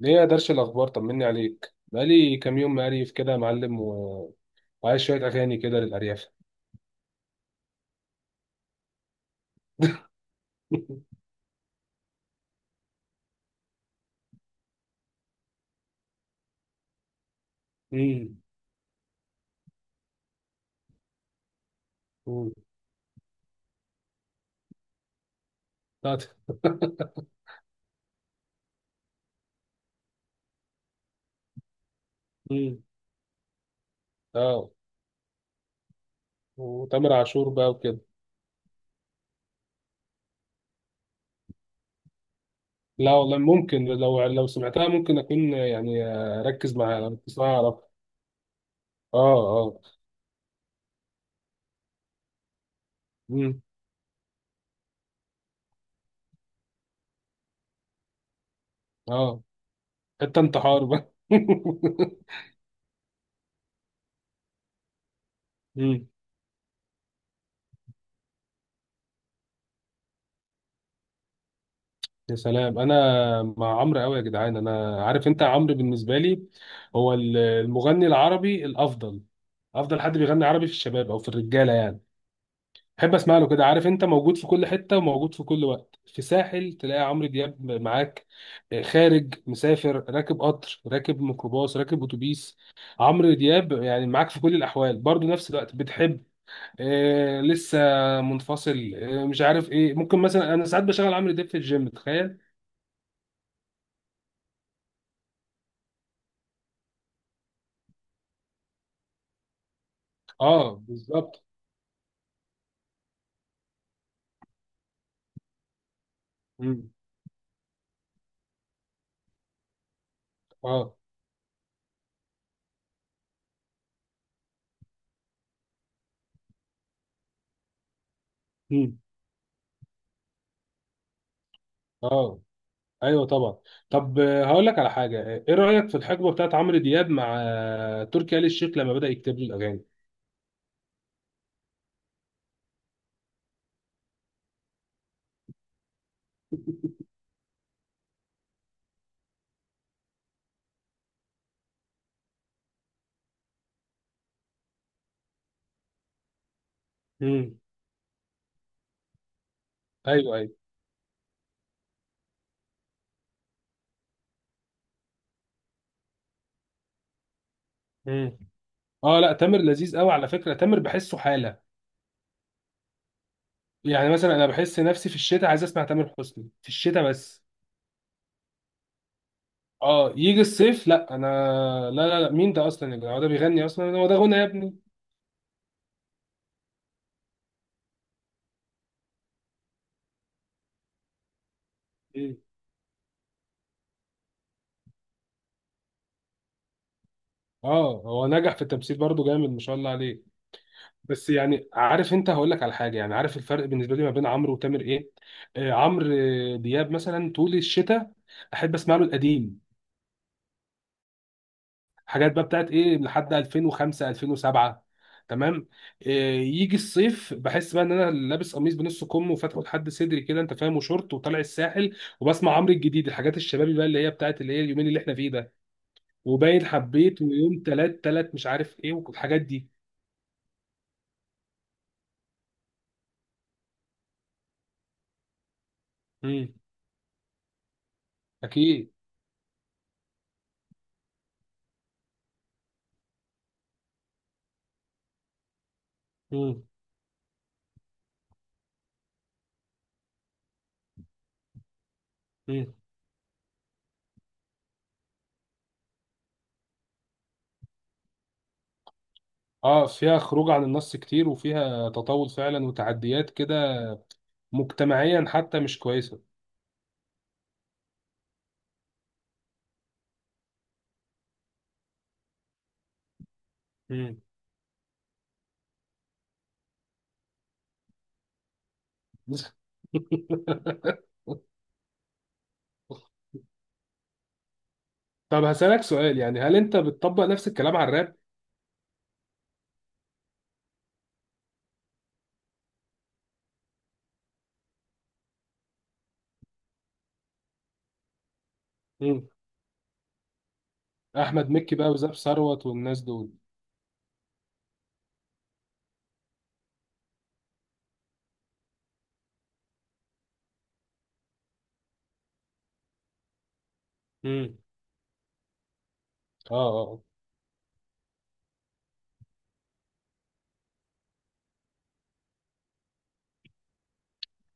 ليه يا درش الأخبار؟ طمني عليك، بقالي كام يوم مقريف كده يا معلم وعايز شوية أغاني كده للأرياف. امم امم بتاعت- امم. اه، وتامر عاشور بقى وكده. لا والله، ممكن لو سمعتها ممكن أكون يعني. أركز معاها لو تسمعها أعرف. اه، اه. امم اه، حتة انتحار بقى. امم يا سلام، أنا مع عمرو أوي يا جدعان. أنا عارف، أنت عمرو بالنسبة لي هو المغني العربي الأفضل. افضل حد بيغني عربي في الشباب او في الرجاله يعني. بحب اسمع له كده. عارف انت، موجود في كل حته وموجود في كل وقت. في ساحل تلاقي عمرو دياب معاك. خارج مسافر راكب قطر راكب ميكروباص راكب اتوبيس. عمرو دياب يعني معاك في كل الاحوال، برضو نفس الوقت بتحب. لسه منفصل. مش عارف ايه. ممكن مثلا انا ساعات بشغل عمرو دياب في الجيم، تخيل. اه بالظبط. مم. اه. مم. اه، ايوه طبعا. طب هقول لك على حاجه. ايه رايك في الحقبه بتاعت عمرو دياب مع تركي آل الشيخ لما بدا يكتب له الاغاني؟ امم ايوه، ايوه. امم اه. لا، تامر لذيذ قوي. على فكره تامر بحسه حاله. يعني مثلا انا بحس نفسي في الشتاء عايز اسمع تامر حسني في الشتاء بس. اه، يجي الصيف لا انا، لا لا لا، مين ده اصلا يا جدع؟ هو ده بيغني اصلا؟ هو ده غنى يا ابني؟ امم اه، هو نجح في التمثيل برضه جامد ما شاء الله. بس يعني عارف انت، هقول لك على حاجه. يعني عارف الفرق بالنسبه لي ما بين عمرو وتامر ايه؟ عمرو دياب مثلا طول الشتاء، احب اسمع له القديم، حاجات بقى بتاعت ايه لحد 2005 2007، تمام. آه يجي الصيف بحس بقى ان انا لابس قميص بنص كم وفاتحه لحد صدري كده، انت فاهم، وشورت وطالع الساحل وبسمع عمرو الجديد، الحاجات الشبابي بقى اللي هي بتاعت اللي هي اليومين اللي احنا فيه ده. وباين حبيت ويوم تلات تلات مش عارف ايه والحاجات دي. امم اكيد. امم اه، فيها خروج عن النص كتير وفيها تطاول فعلا وتعديات كده، مجتمعيا حتى مش كويسة. مم. طب هسألك سؤال، يعني هل انت بتطبق نفس الكلام على الراب؟ مم. احمد مكي بقى وزاب ثروت والناس دول. مم. اه، اه.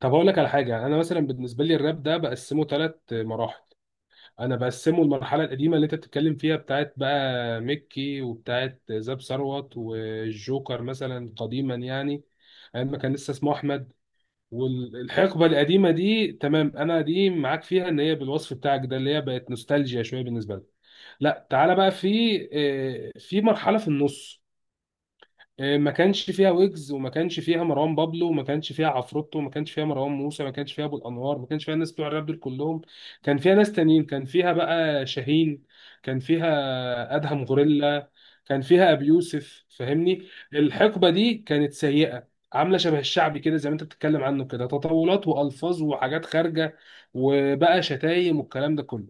طب اقول لك على حاجة، انا مثلا بالنسبة لي الراب ده بقسمه ثلاث مراحل. انا بقسمه، المرحلة القديمة اللي انت بتتكلم فيها بتاعت بقى مكي وبتاعت زاب ثروت والجوكر مثلا قديما يعني، ايام ما كان لسه اسمه احمد. والحقبة القديمة دي تمام أنا دي معاك فيها، إن هي بالوصف بتاعك ده اللي هي بقت نوستالجيا شوية بالنسبة لك. لا تعالى بقى، في مرحلة في النص. ما كانش فيها ويجز وما كانش فيها مروان بابلو وما كانش فيها عفروتو وما كانش فيها مروان موسى، ما كانش فيها ابو الانوار، ما كانش فيها الناس بتوع الراب دول كلهم. كان فيها ناس تانيين، كان فيها بقى شاهين، كان فيها ادهم غوريلا، كان فيها ابي يوسف، فاهمني. الحقبه دي كانت سيئه، عامله شبه الشعبي كده زي ما انت بتتكلم عنه كده، تطاولات والفاظ وحاجات خارجه، وبقى شتايم والكلام ده كله.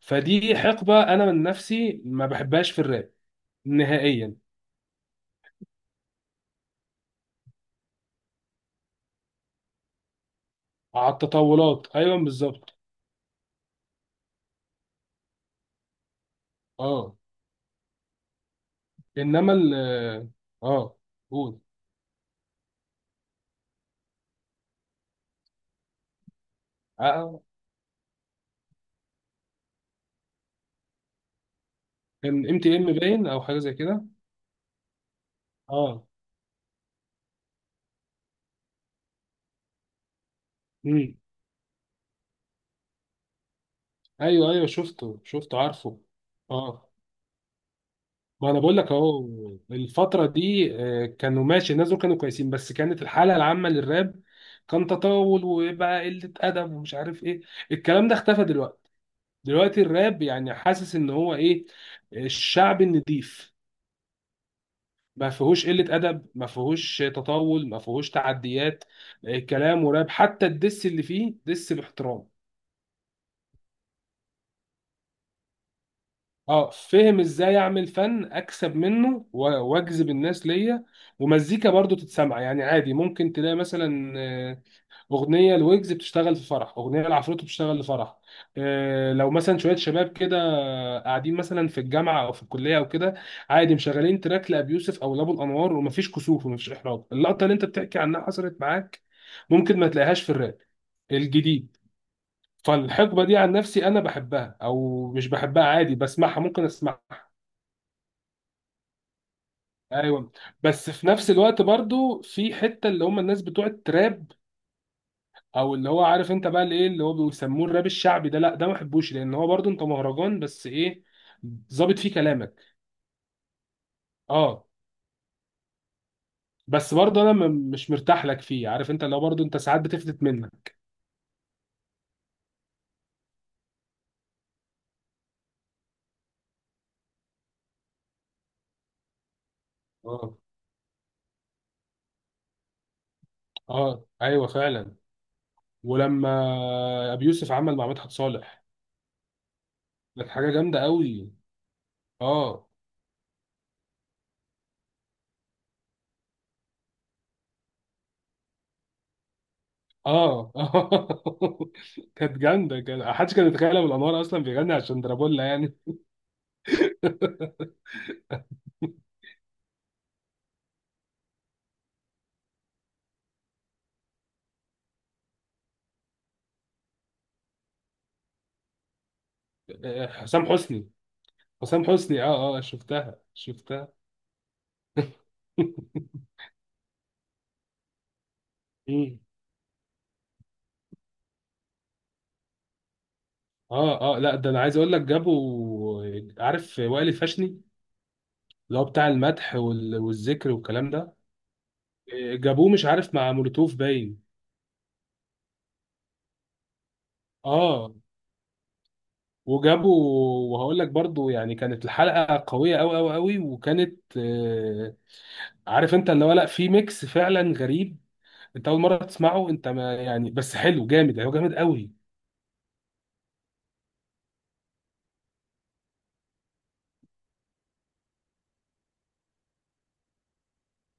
فدي حقبه انا من نفسي ما بحبهاش في الراب نهائيا. على التطاولات، ايوه بالظبط. اه انما ال. اه قول. آه، كان MTM باين او حاجه زي كده. اه. امم ايوه، ايوه، شفته، شفته، عارفه. اه، ما انا بقول لك اهو. الفتره دي كانوا ماشي، الناس دول كانوا كويسين بس كانت الحاله العامه للراب كان تطاول وبقى قله ادب ومش عارف ايه. الكلام ده اختفى دلوقتي. دلوقتي الراب يعني حاسس ان هو ايه، الشعب النضيف، ما فيهوش قلة أدب، ما فيهوش تطاول، ما فيهوش تعديات. كلام وراب، حتى الدس اللي فيه دس باحترام. اه فهم، ازاي اعمل فن اكسب منه واجذب الناس ليا. ومزيكا برضو تتسمع يعني عادي. ممكن تلاقي مثلا اغنيه الويجز بتشتغل في فرح، اغنيه العفروتو بتشتغل لفرح. إيه لو مثلا شويه شباب كده قاعدين مثلا في الجامعه او في الكليه او كده، عادي مشغلين تراك لابي يوسف او لابو الانوار، ومفيش كسوف ومفيش احراج، اللقطه اللي انت بتحكي عنها حصلت معاك ممكن ما تلاقيهاش في الراب الجديد. فالحقبه دي عن نفسي انا بحبها او مش بحبها عادي بسمعها، ممكن اسمعها. ايوه. بس في نفس الوقت برضو في حته اللي هم الناس بتوع التراب، او اللي هو عارف انت بقى اللي ايه اللي هو بيسموه الراب الشعبي ده، لا ده ما بحبوش، لان هو برضو انت مهرجان بس ايه، ظابط فيه كلامك. اه بس برضه انا مش مرتاح لك فيه. عارف انت لو برضه انت ساعات بتفلت منك. اه، اه، ايوه فعلا. ولما ابي يوسف عمل مع مدحت صالح كانت حاجه جامده قوي. اه. اه. كانت جامده، كان محدش كان يتخيل ابو الانوار اصلا بيغني عشان درابولا يعني. حسام حسني. حسام حسني اه، اه، شفتها، شفتها. مم. اه، اه. لا ده انا عايز اقول لك جابوا، عارف وائل الفاشني اللي هو بتاع المدح والذكر والكلام ده. جابوه مش عارف مع مولوتوف باين. اه وجابوا. وهقول لك برضو يعني كانت الحلقة قوية قوي قوي قوي، وكانت عارف انت اللي هو، لا في ميكس فعلا غريب. انت اول مرة تسمعه، انت ما يعني، بس حلو جامد هو جامد قوي.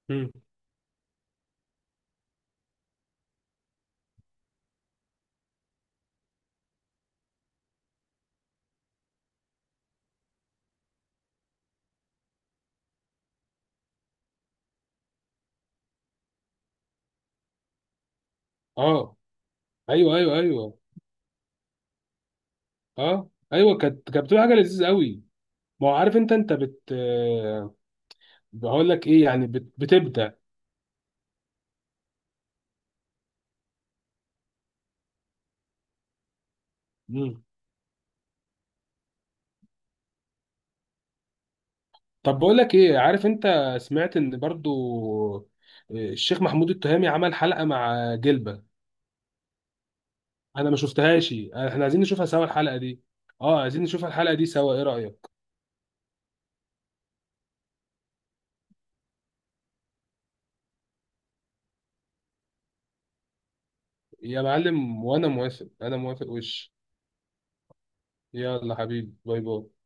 مم. اه، ايوه، ايوه، ايوه. اه ايوه، كانت كانت بتبقى حاجة لذيذة قوي. ما هو عارف انت بقول لك ايه يعني بتبدأ. مم. طب بقول لك ايه، عارف انت، سمعت ان برضو الشيخ محمود التهامي عمل حلقة مع جلبة. انا ما شفتهاش، احنا عايزين نشوفها سوا الحلقة دي. اه، عايزين نشوف الحلقة دي سوا، ايه رأيك؟ يا معلم وانا موافق، انا موافق وش. يلا حبيبي باي باي.